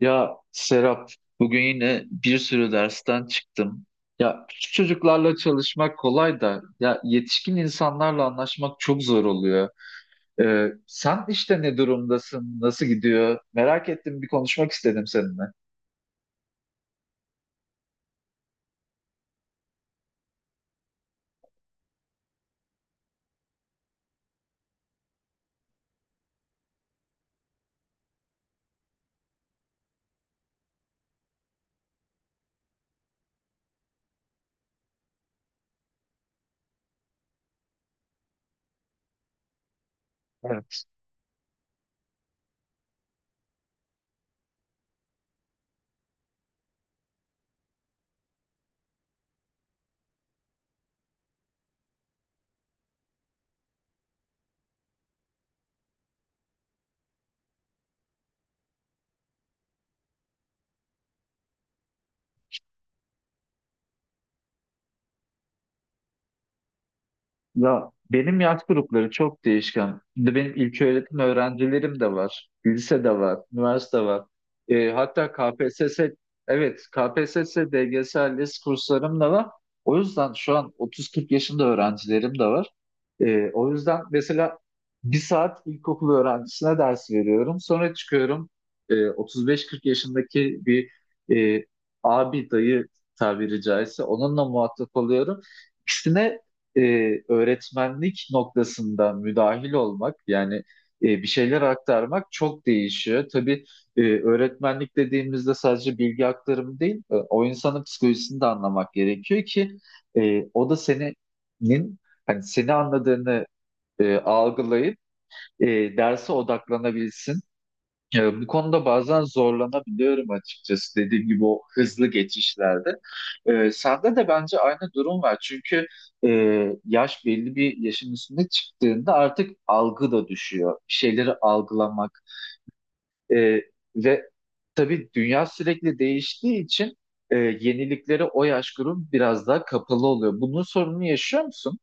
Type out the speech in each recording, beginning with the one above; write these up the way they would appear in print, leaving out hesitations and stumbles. Ya Serap, bugün yine bir sürü dersten çıktım. Ya küçük çocuklarla çalışmak kolay da ya yetişkin insanlarla anlaşmak çok zor oluyor. Sen işte ne durumdasın, nasıl gidiyor? Merak ettim, bir konuşmak istedim seninle. Evet. Ya benim yaş grupları çok değişken. Şimdi benim ilköğretim öğrencilerim de var, lise de var, üniversite var. Hatta KPSS, evet, KPSS, DGS, ALES kurslarım da var. O yüzden şu an 30-40 yaşında öğrencilerim de var. O yüzden mesela bir saat ilkokul öğrencisine ders veriyorum. Sonra çıkıyorum 35-40 yaşındaki bir e, abi dayı tabiri caizse onunla muhatap oluyorum. İkisine e, öğretmenlik noktasında müdahil olmak yani bir şeyler aktarmak çok değişiyor. Tabii öğretmenlik dediğimizde sadece bilgi aktarımı değil, o insanın psikolojisini de anlamak gerekiyor ki o da senin hani seni anladığını algılayıp e, derse odaklanabilsin. Ya bu konuda bazen zorlanabiliyorum açıkçası dediğim gibi o hızlı geçişlerde. Sende de bence aynı durum var. Çünkü e, yaş belli bir yaşın üstüne çıktığında artık algı da düşüyor. Bir şeyleri algılamak e, ve tabii dünya sürekli değiştiği için yeniliklere o yaş grubu biraz daha kapalı oluyor. Bunun sorununu yaşıyor musun?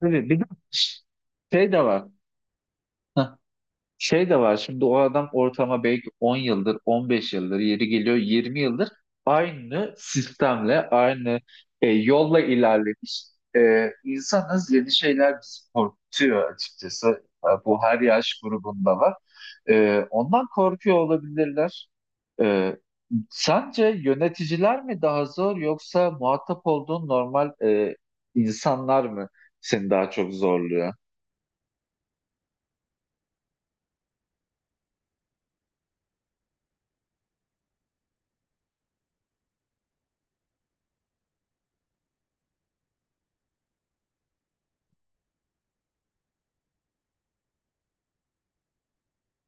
Tabii bir de şey de var. Şey de var şimdi o adam ortama belki 10 yıldır, 15 yıldır, yeri geliyor 20 yıldır aynı sistemle, aynı yolla ilerlemiş. İnsanız yeni şeyler bizi korkutuyor açıkçası. Bu her yaş grubunda var. Ondan korkuyor olabilirler. E, Sence yöneticiler mi daha zor yoksa muhatap olduğun normal insanlar mı seni daha çok zorluyor?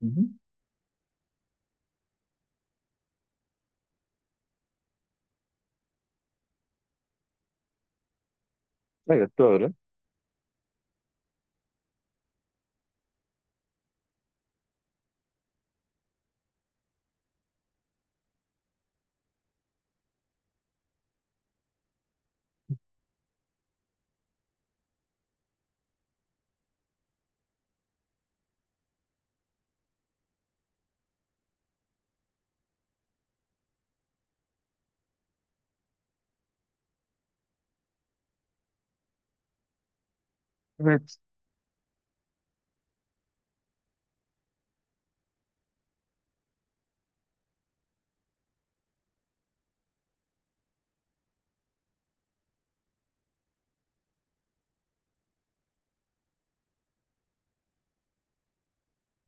Hı hı. Evet, doğru. Evet.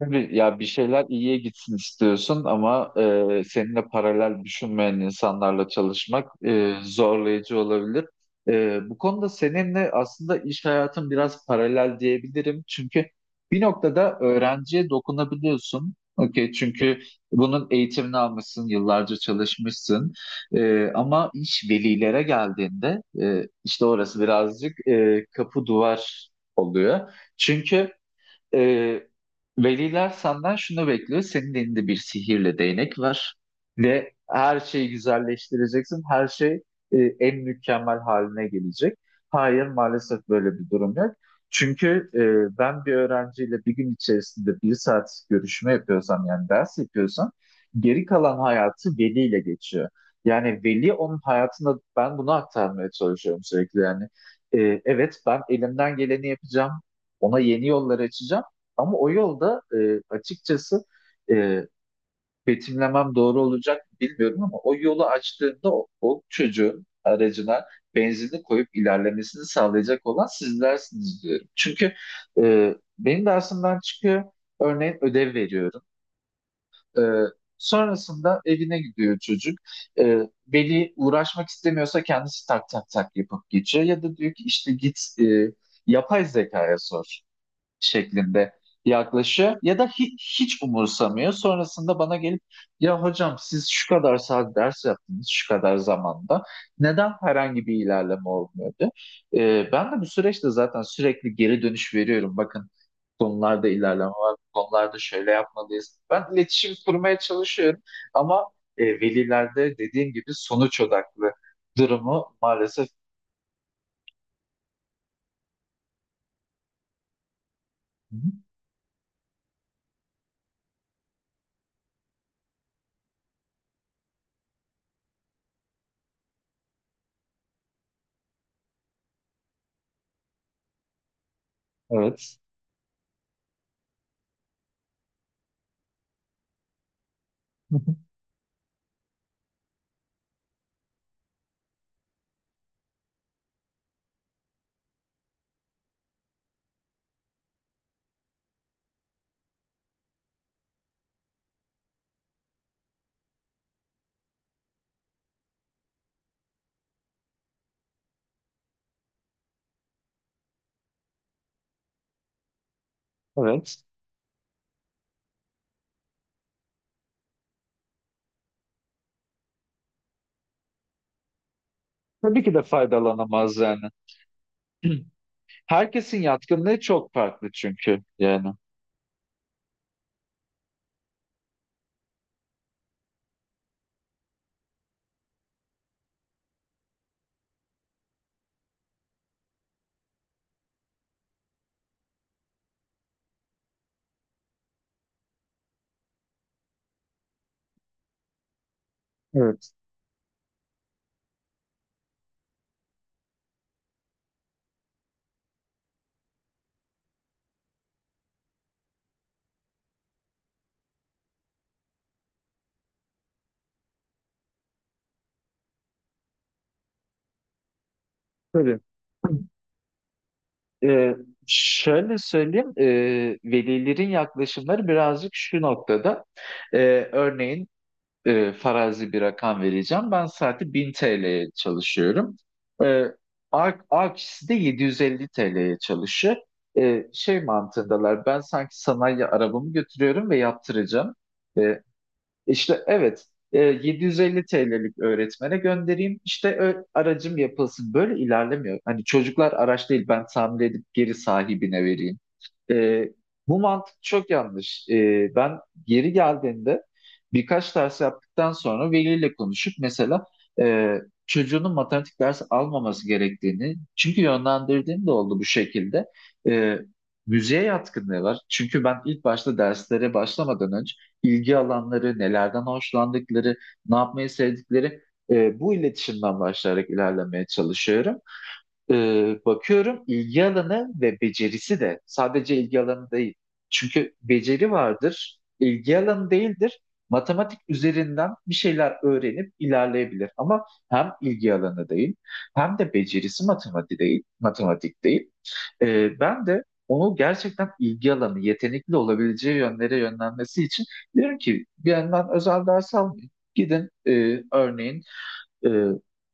Tabii ya bir şeyler iyiye gitsin istiyorsun ama seninle paralel düşünmeyen insanlarla çalışmak zorlayıcı olabilir. Bu konuda seninle aslında iş hayatın biraz paralel diyebilirim. Çünkü bir noktada öğrenciye dokunabiliyorsun. Okey, çünkü bunun eğitimini almışsın, yıllarca çalışmışsın. Ama iş velilere geldiğinde işte orası birazcık kapı duvar oluyor. Çünkü. Ee, Veliler senden şunu bekliyor. Senin elinde bir sihirli değnek var ve her şeyi güzelleştireceksin. Her şey en mükemmel haline gelecek. Hayır, maalesef böyle bir durum yok. Çünkü ben bir öğrenciyle bir gün içerisinde bir saat görüşme yapıyorsam yani ders yapıyorsam geri kalan hayatı veliyle geçiyor. Yani veli onun hayatında ben bunu aktarmaya çalışıyorum sürekli yani. E, evet, ben elimden geleni yapacağım. Ona yeni yollar açacağım. Ama o yolda açıkçası e, betimlemem doğru olacak bilmiyorum ama o yolu açtığında o çocuğun aracına benzinli koyup ilerlemesini sağlayacak olan sizlersiniz diyorum. Çünkü benim dersimden çıkıyor, örneğin ödev veriyorum. E, Sonrasında evine gidiyor çocuk. E, Veli uğraşmak istemiyorsa kendisi tak tak tak yapıp geçiyor ya da diyor ki işte git yapay zekaya sor şeklinde yaklaşıyor ya da hiç, hiç umursamıyor. Sonrasında bana gelip ya hocam siz şu kadar saat ders yaptınız şu kadar zamanda neden herhangi bir ilerleme olmuyordu? Ben de bu süreçte zaten sürekli geri dönüş veriyorum. Bakın konularda ilerleme var, bu konularda şöyle yapmalıyız. Ben iletişim kurmaya çalışıyorum ama velilerde dediğim gibi sonuç odaklı durumu maalesef. Hı hı, evet. Evet. Tabii ki de faydalanamaz yani. Herkesin yatkınlığı çok farklı çünkü yani. Evet. Tabii. Ee, Şöyle söyleyeyim, velilerin yaklaşımları birazcık şu noktada. Örneğin farazi bir rakam vereceğim. Ben saati 1000 TL'ye çalışıyorum. Ee, A kişisi de 750 TL'ye çalışıyor. Şey mantığındalar, ben sanki sanayi arabamı götürüyorum ve yaptıracağım. E, İşte evet, 750 TL'lik öğretmene göndereyim işte aracım yapılsın. Böyle ilerlemiyor. Hani çocuklar araç değil ben tamir edip geri sahibine vereyim. E, Bu mantık çok yanlış. Ben geri geldiğinde birkaç ders yaptıktan sonra veliyle konuşup mesela e, çocuğunun matematik dersi almaması gerektiğini çünkü yönlendirdiğim de oldu bu şekilde. E, Müziğe yatkınlığı var. Çünkü ben ilk başta derslere başlamadan önce ilgi alanları, nelerden hoşlandıkları, ne yapmayı sevdikleri bu iletişimden başlayarak ilerlemeye çalışıyorum. Bakıyorum ilgi alanı ve becerisi de sadece ilgi alanı değil. Çünkü beceri vardır, ilgi alanı değildir. Matematik üzerinden bir şeyler öğrenip ilerleyebilir ama hem ilgi alanı değil hem de becerisi matematik değil, matematik değil. Ben de onu gerçekten ilgi alanı, yetenekli olabileceği yönlere yönlenmesi için diyorum ki bir yandan özel ders almayın. Gidin örneğin e,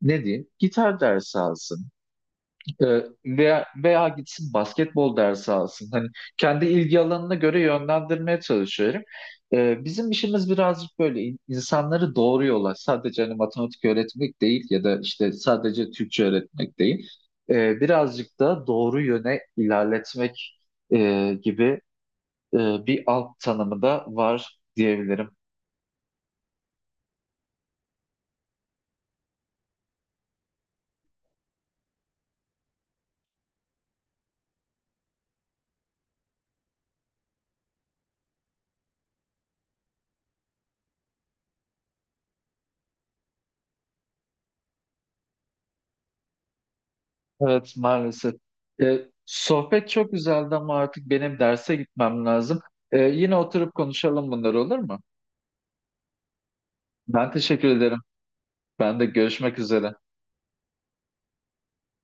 ne diyeyim gitar dersi alsın veya gitsin basketbol dersi alsın. Hani kendi ilgi alanına göre yönlendirmeye çalışıyorum. Bizim işimiz birazcık böyle insanları doğru yola sadece hani matematik öğretmek değil ya da işte sadece Türkçe öğretmek değil. Birazcık da doğru yöne ilerletmek gibi e, bir alt tanımı da var diyebilirim. Evet, maalesef. Ee, Sohbet çok güzeldi ama artık benim derse gitmem lazım. Yine oturup konuşalım bunları, olur mu? Ben teşekkür ederim. Ben de görüşmek üzere.